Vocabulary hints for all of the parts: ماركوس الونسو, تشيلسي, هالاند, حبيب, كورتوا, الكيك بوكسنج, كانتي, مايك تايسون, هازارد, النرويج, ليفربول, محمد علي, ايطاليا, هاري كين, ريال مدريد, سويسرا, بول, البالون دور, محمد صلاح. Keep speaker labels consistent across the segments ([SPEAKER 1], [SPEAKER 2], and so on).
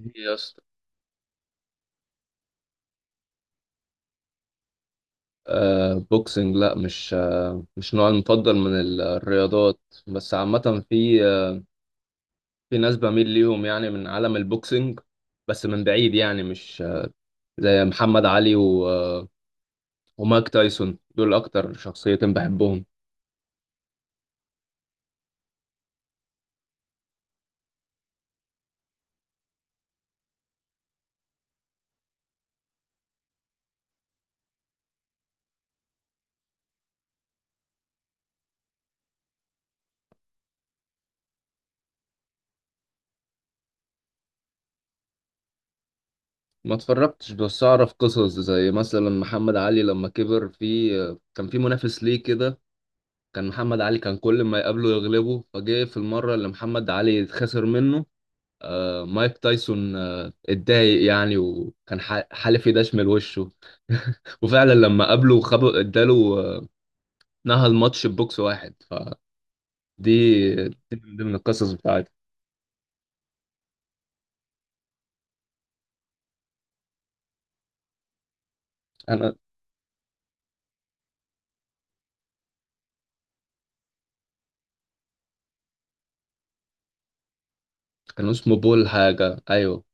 [SPEAKER 1] إيه يا اسطى. بوكسنج، لا، مش نوعي المفضل من الرياضات. بس عامة في، في ناس بميل ليهم يعني من عالم البوكسنج، بس من بعيد، يعني مش زي محمد علي و آه ومايك تايسون. دول أكتر شخصيتين بحبهم. ما اتفرجتش، بس أعرف قصص زي مثلا محمد علي لما كبر. في آه كان في منافس ليه كده. محمد علي كان كل ما يقابله يغلبه فجه. في المرة اللي محمد علي خسر منه، مايك تايسون اتضايق يعني، وكان حالف يدشمل وشه. وفعلا لما قابله خب اداله نهى الماتش ببوكس واحد. فدي من ضمن القصص بتاعتي. انا. كان اسمه بول حاجة. ايوه.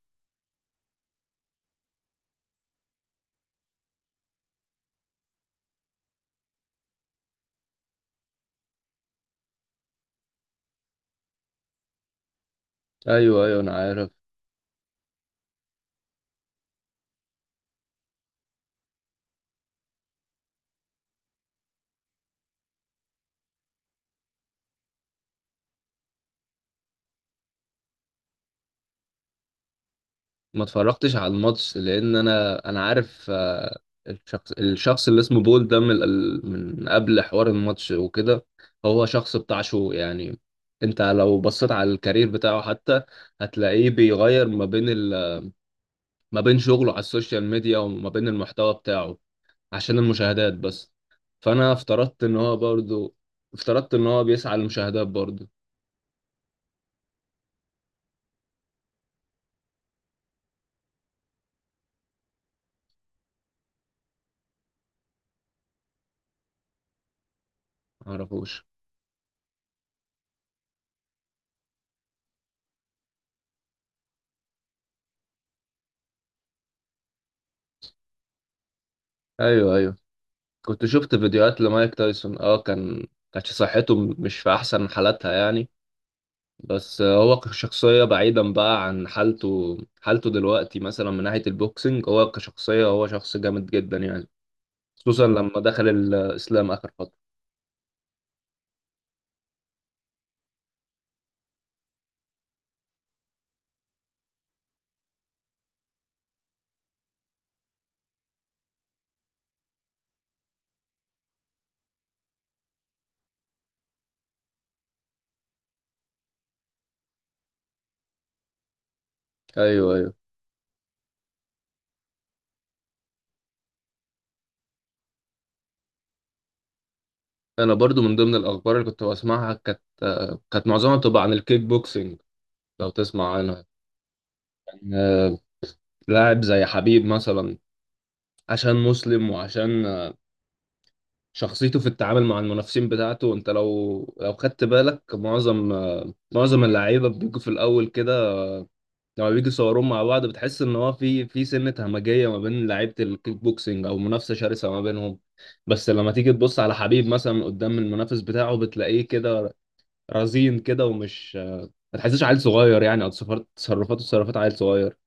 [SPEAKER 1] ايوه ايوه انا عارف. ما اتفرجتش على الماتش لان انا عارف الشخص اللي اسمه بول ده، من من قبل حوار الماتش وكده، هو شخص بتاع شو يعني. انت لو بصيت على الكارير بتاعه حتى، هتلاقيه بيغير ما بين ما بين شغله على السوشيال ميديا وما بين المحتوى بتاعه، عشان المشاهدات بس. فانا افترضت ان هو بيسعى للمشاهدات برضو. معرفوش. ايوه ايوه، كنت شفت فيديوهات لمايك تايسون. اه، كانت صحته مش في احسن حالاتها يعني. بس هو كشخصية، بعيدا بقى عن حالته دلوقتي، مثلا من ناحية البوكسنج، هو كشخصية، هو شخص جامد جدا يعني. خصوصا لما دخل الإسلام آخر فترة. أيوه أيوه. أنا برضو من ضمن الأخبار اللي كنت بسمعها، كانت معظمها بتبقى عن الكيك بوكسنج. لو تسمع عنها. كان لاعب زي حبيب مثلا، عشان مسلم، وعشان شخصيته في التعامل مع المنافسين بتاعته. انت لو خدت بالك، معظم معظم اللعيبه بيجوا في الاول كده، لما بيجوا يصوروهم مع بعض، بتحس ان هو في سنه همجيه ما بين لعيبه الكيك بوكسنج، او منافسه شرسه ما بينهم. بس لما تيجي تبص على حبيب مثلا قدام المنافس بتاعه، بتلاقيه كده رزين كده، ومش آه، ما تحسش عيل صغير يعني، او تصرفاته تصرفات عيل صغير.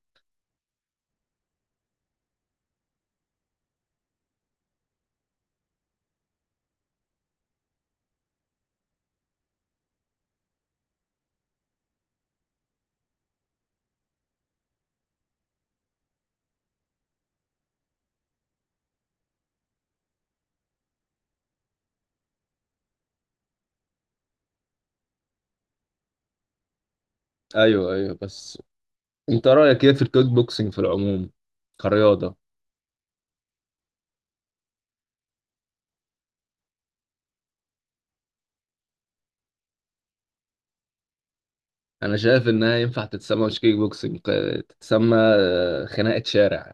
[SPEAKER 1] ايوه ايوه. بس انت رايك ايه في الكيك بوكسنج في العموم، كرياضه؟ انا شايف انها ينفع تتسمى، مش كيك بوكسنج، تتسمى خناقه شارع.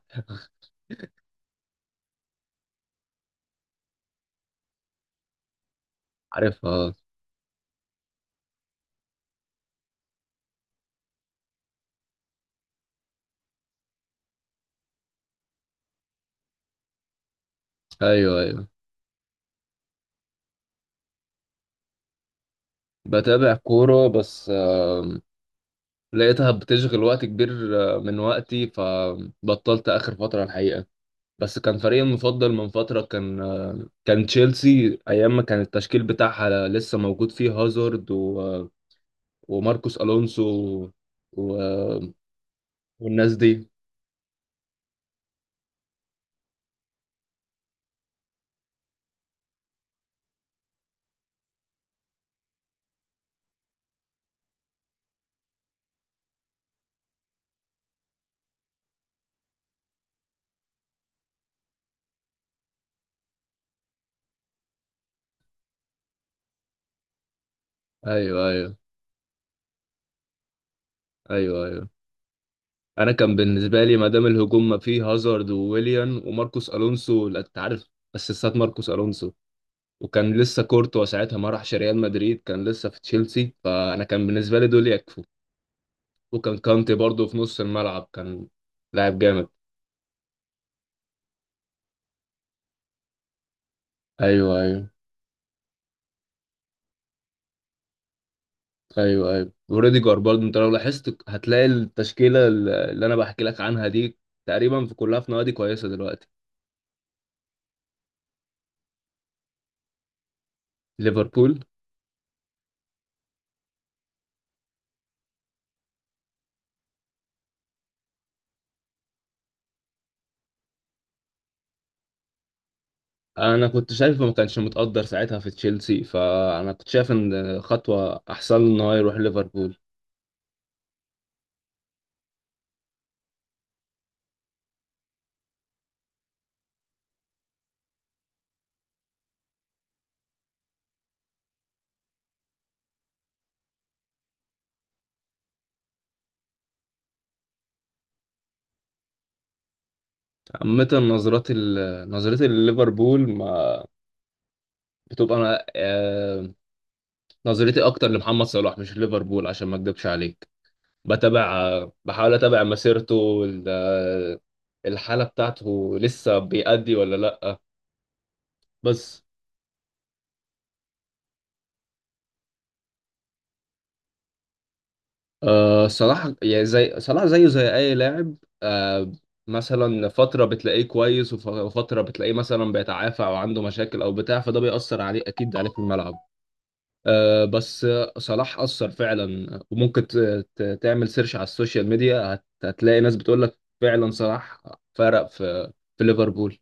[SPEAKER 1] عارفها آه. ايوه ايوه. بتابع كوره، بس لقيتها بتشغل وقت كبير من وقتي، فبطلت اخر فتره الحقيقه. بس كان فريقي المفضل من فتره، كان تشيلسي، ايام ما كان التشكيل بتاعها لسه موجود فيه هازارد و... آه، وماركوس الونسو و... آه، والناس دي. ايوه ايوه ايوه ايوه. انا كان بالنسبه لي ما دام الهجوم ما فيه هازارد وويليان وماركوس الونسو، لا، انت عارف اسيستات ماركوس الونسو. وكان لسه كورتوا ساعتها، ما راحش ريال مدريد، كان لسه في تشيلسي. فانا كان بالنسبه لي دول يكفوا. وكان كانتي برضه في نص الملعب، كان لاعب جامد. ايوه ايوه ايوه ايوه. وريديجر برضه، انت لو لاحظت هتلاقي التشكيله اللي انا بحكي لك عنها دي، تقريبا في كلها في نوادي كويسه دلوقتي. ليفربول. انا كنت شايفه ما كانش متقدر ساعتها في تشيلسي، فانا كنت شايف ان خطوه احسن له ان هو يروح ليفربول. عامه، نظرات نظرتي لليفربول ما بتبقى، انا نظرتي اكتر لمحمد صلاح، مش ليفربول، عشان ما اكدبش عليك. بتابع بحاول اتابع مسيرته، الحاله بتاعته، لسه بيأدي ولا لا؟ بس أه، صلاح يعني زي صلاح، زيه زي أي لاعب. أه، مثلا فترة بتلاقيه كويس، وفترة بتلاقيه مثلا بيتعافى، أو عنده مشاكل أو بتاع، فده بيأثر عليه أكيد عليه في الملعب. أه، بس صلاح أثر فعلا. وممكن تعمل سيرش على السوشيال ميديا، هتلاقي ناس بتقول لك فعلا صلاح فرق في ليفربول.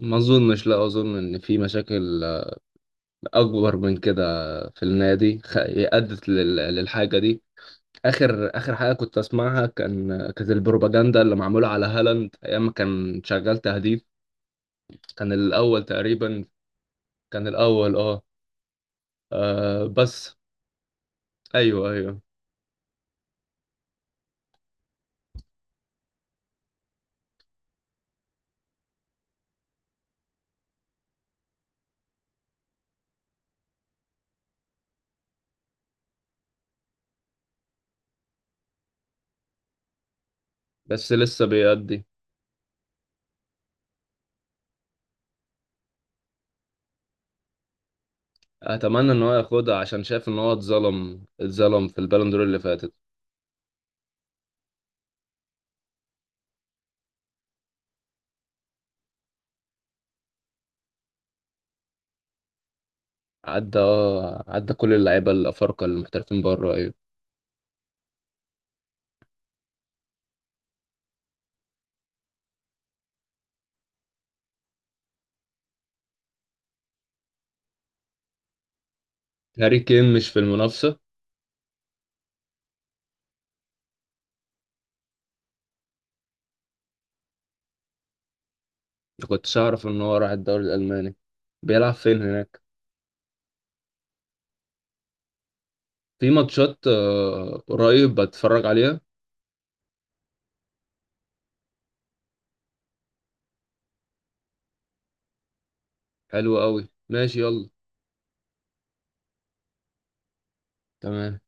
[SPEAKER 1] ما أظنش، لا، أظن إن في مشاكل أكبر من كده في النادي أدت للحاجة دي. اخر حاجه كنت اسمعها، كان كانت البروباجندا اللي معموله على هالاند ايام ما كان شغال تهديف. كان الاول تقريبا. كان الاول اه. بس. ايوه ايوه. بس لسه بيأدي. اتمنى ان هو ياخدها عشان شايف ان هو اتظلم في البالون دور اللي فاتت. عدى اه، عدى كل اللعيبه الافارقه المحترفين بره. ايوه. هاري كين مش في المنافسه؟ ما كنتش اعرف ان هو راح الدوري الالماني. بيلعب فين هناك؟ في ماتشات قريب بتفرج عليها؟ حلو قوي، ماشي، يلا. تمام.